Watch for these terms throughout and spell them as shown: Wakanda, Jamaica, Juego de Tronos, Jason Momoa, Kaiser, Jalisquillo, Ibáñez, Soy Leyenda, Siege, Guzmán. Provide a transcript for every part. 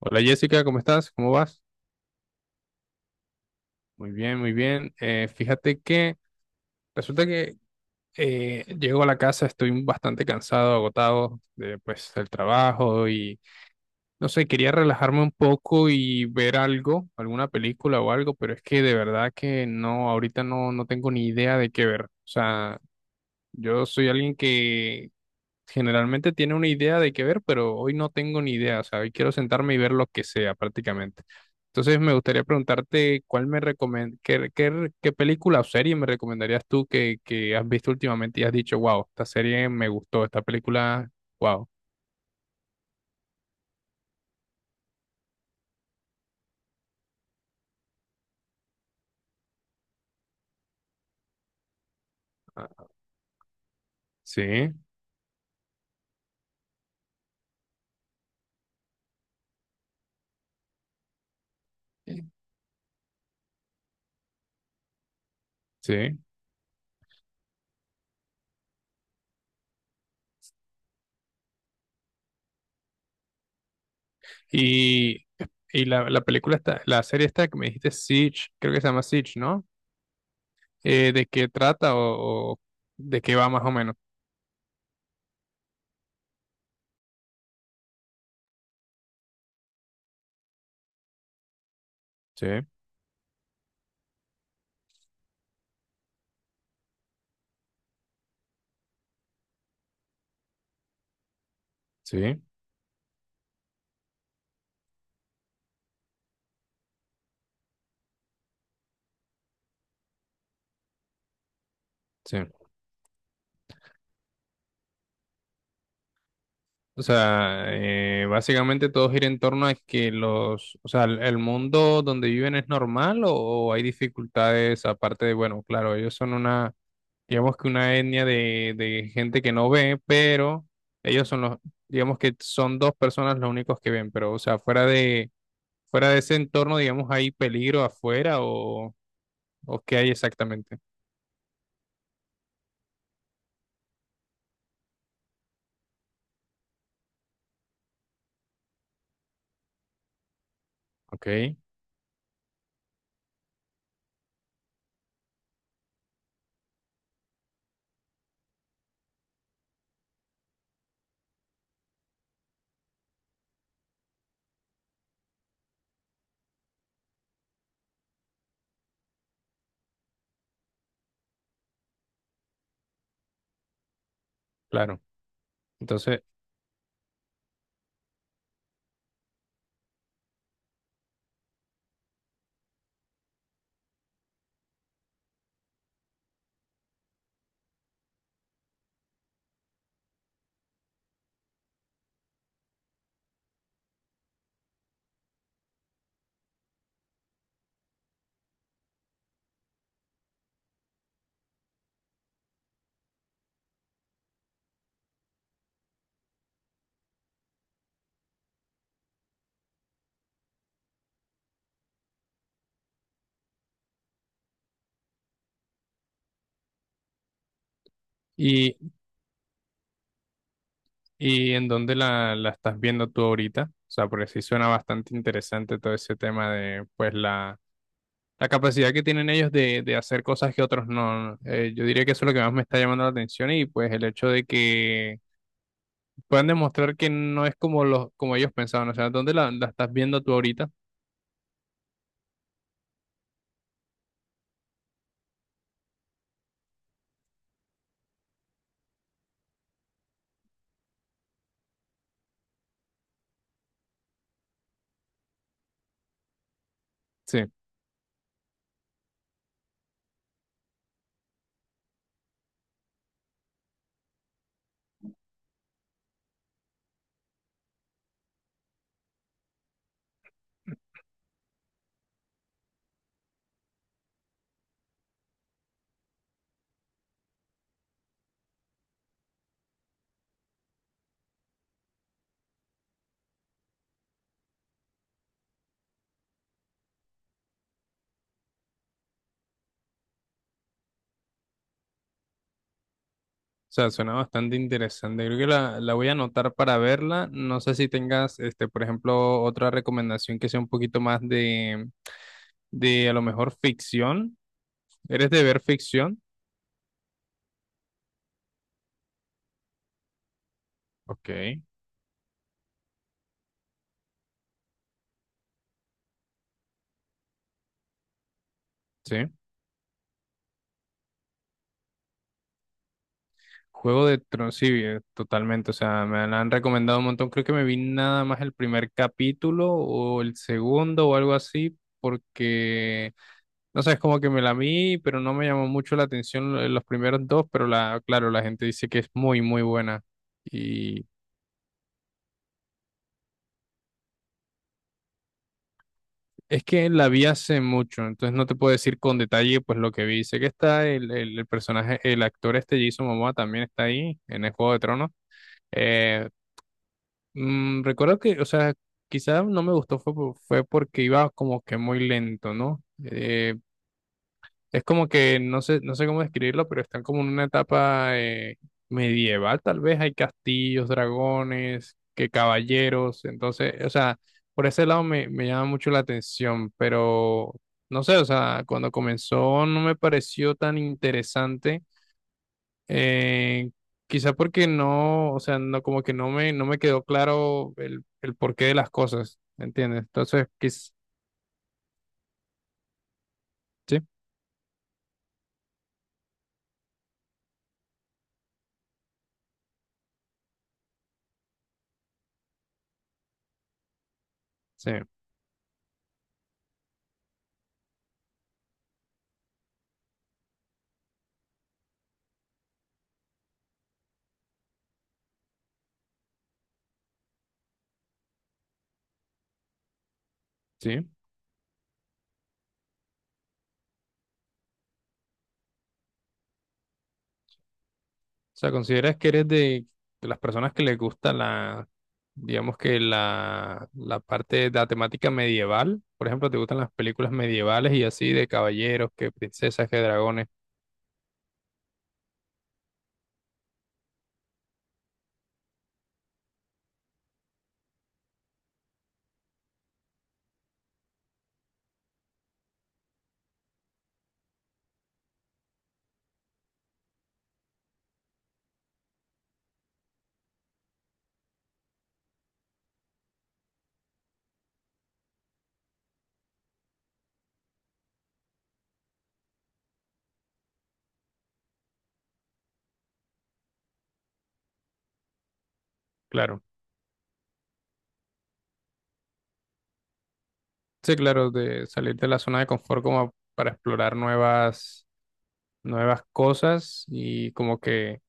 Hola Jessica, ¿cómo estás? ¿Cómo vas? Muy bien, muy bien. Fíjate que resulta que llego a la casa, estoy bastante cansado, agotado de, pues, del trabajo y no sé, quería relajarme un poco y ver algo, alguna película o algo, pero es que de verdad que no, ahorita no, no tengo ni idea de qué ver. O sea, yo soy alguien que generalmente tiene una idea de qué ver, pero hoy no tengo ni idea, o sea, hoy quiero sentarme y ver lo que sea prácticamente. Entonces me gustaría preguntarte qué, qué película o serie me recomendarías tú que has visto últimamente y has dicho, wow, esta serie me gustó, esta película, wow. Ah, sí, sí. Y, y la película está, la serie esta que me dijiste Siege, creo que se llama Siege, ¿no? ¿De qué trata o de qué va más o menos? Sí, sí, sí. O sea, básicamente todo gira en torno a que los, o sea, el mundo donde viven es normal o hay dificultades aparte de, bueno, claro, ellos son una, digamos que una etnia de gente que no ve, pero ellos son los, digamos que son dos personas los únicos que ven, pero, o sea, fuera de ese entorno, digamos, hay peligro afuera o qué hay exactamente. Ok, claro. Entonces, ¿y en dónde la estás viendo tú ahorita? O sea, porque sí suena bastante interesante todo ese tema de, pues, la capacidad que tienen ellos de hacer cosas que otros no. Yo diría que eso es lo que más me está llamando la atención y, pues, el hecho de que puedan demostrar que no es como los, como ellos pensaban. O sea, ¿dónde la estás viendo tú ahorita? Sí. O sea, suena bastante interesante. Creo que la voy a anotar para verla. No sé si tengas, este, por ejemplo, otra recomendación que sea un poquito más de a lo mejor ficción. ¿Eres de ver ficción? Ok. Sí. Juego de Tronos, sí, totalmente. O sea, me la han recomendado un montón. Creo que me vi nada más el primer capítulo o el segundo o algo así, porque, no sé, es como que me la vi, pero no me llamó mucho la atención los primeros dos, pero la, claro, la gente dice que es muy, muy buena. Y es que la vi hace mucho, entonces no te puedo decir con detalle pues lo que vi. Sé que está el personaje, el actor este Jason Momoa también está ahí en el Juego de Tronos. Eh, Mm, recuerdo que, o sea, quizá no me gustó fue, por- fue porque iba como que muy lento, ¿no? Es como que no sé, no sé cómo describirlo, pero están como en una etapa medieval, tal vez hay castillos, dragones, que caballeros, entonces, o sea, por ese lado me, me llama mucho la atención, pero no sé, o sea, cuando comenzó no me pareció tan interesante eh, quizá porque no, o sea, no como que no me, no me quedó claro el porqué de las cosas, ¿me ¿entiendes? Sí, sí, sí. O sea, ¿consideras que eres de las personas que les gusta la, digamos que la parte de la temática medieval? Por ejemplo, ¿te gustan las películas medievales y así de caballeros, que princesas, que dragones? Claro. Sí, claro, de salir de la zona de confort como para explorar nuevas, nuevas cosas y como que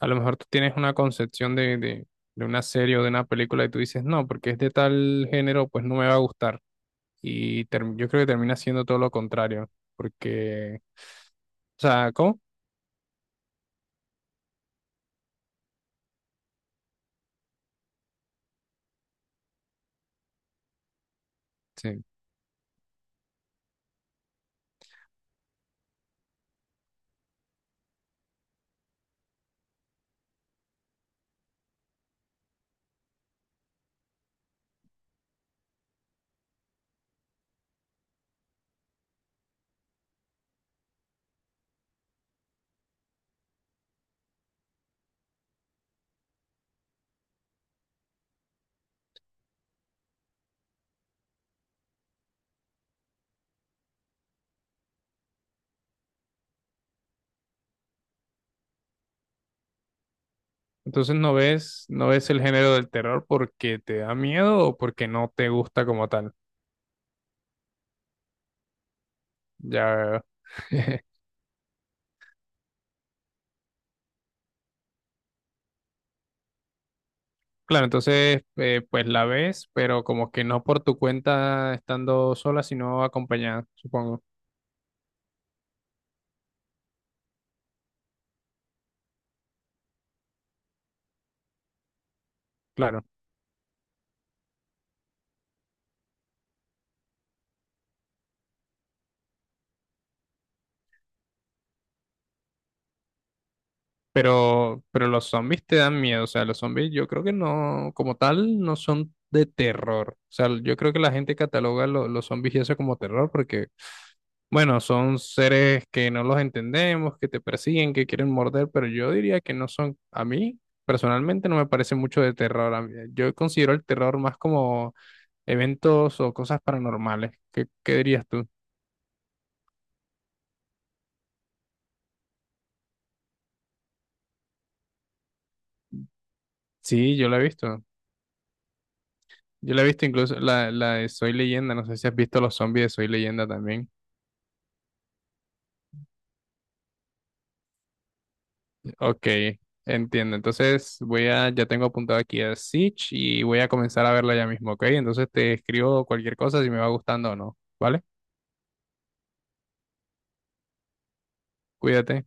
a lo mejor tú tienes una concepción de una serie o de una película y tú dices, no, porque es de tal género, pues no me va a gustar. Y yo creo que termina siendo todo lo contrario, porque, o sea, ¿cómo? Sí. Entonces no ves, no ves el género del terror porque te da miedo o porque no te gusta como tal. Ya, claro, entonces pues la ves, pero como que no por tu cuenta estando sola, sino acompañada, supongo. Claro. Pero los zombies te dan miedo, o sea, los zombies yo creo que no, como tal, no son de terror. O sea, yo creo que la gente cataloga los zombies y eso como terror porque, bueno, son seres que no los entendemos, que te persiguen, que quieren morder, pero yo diría que no son, a mí personalmente no me parece mucho de terror. Yo considero el terror más como eventos o cosas paranormales. ¿Qué, qué dirías tú? Sí, yo la he visto. Yo la he visto, incluso la, la de Soy Leyenda, no sé si has visto los zombies de Soy Leyenda también. Ok, entiendo. Entonces voy a, ya tengo apuntado aquí a Siege y voy a comenzar a verla ya mismo, ¿ok? Entonces te escribo cualquier cosa si me va gustando o no, ¿vale? Cuídate.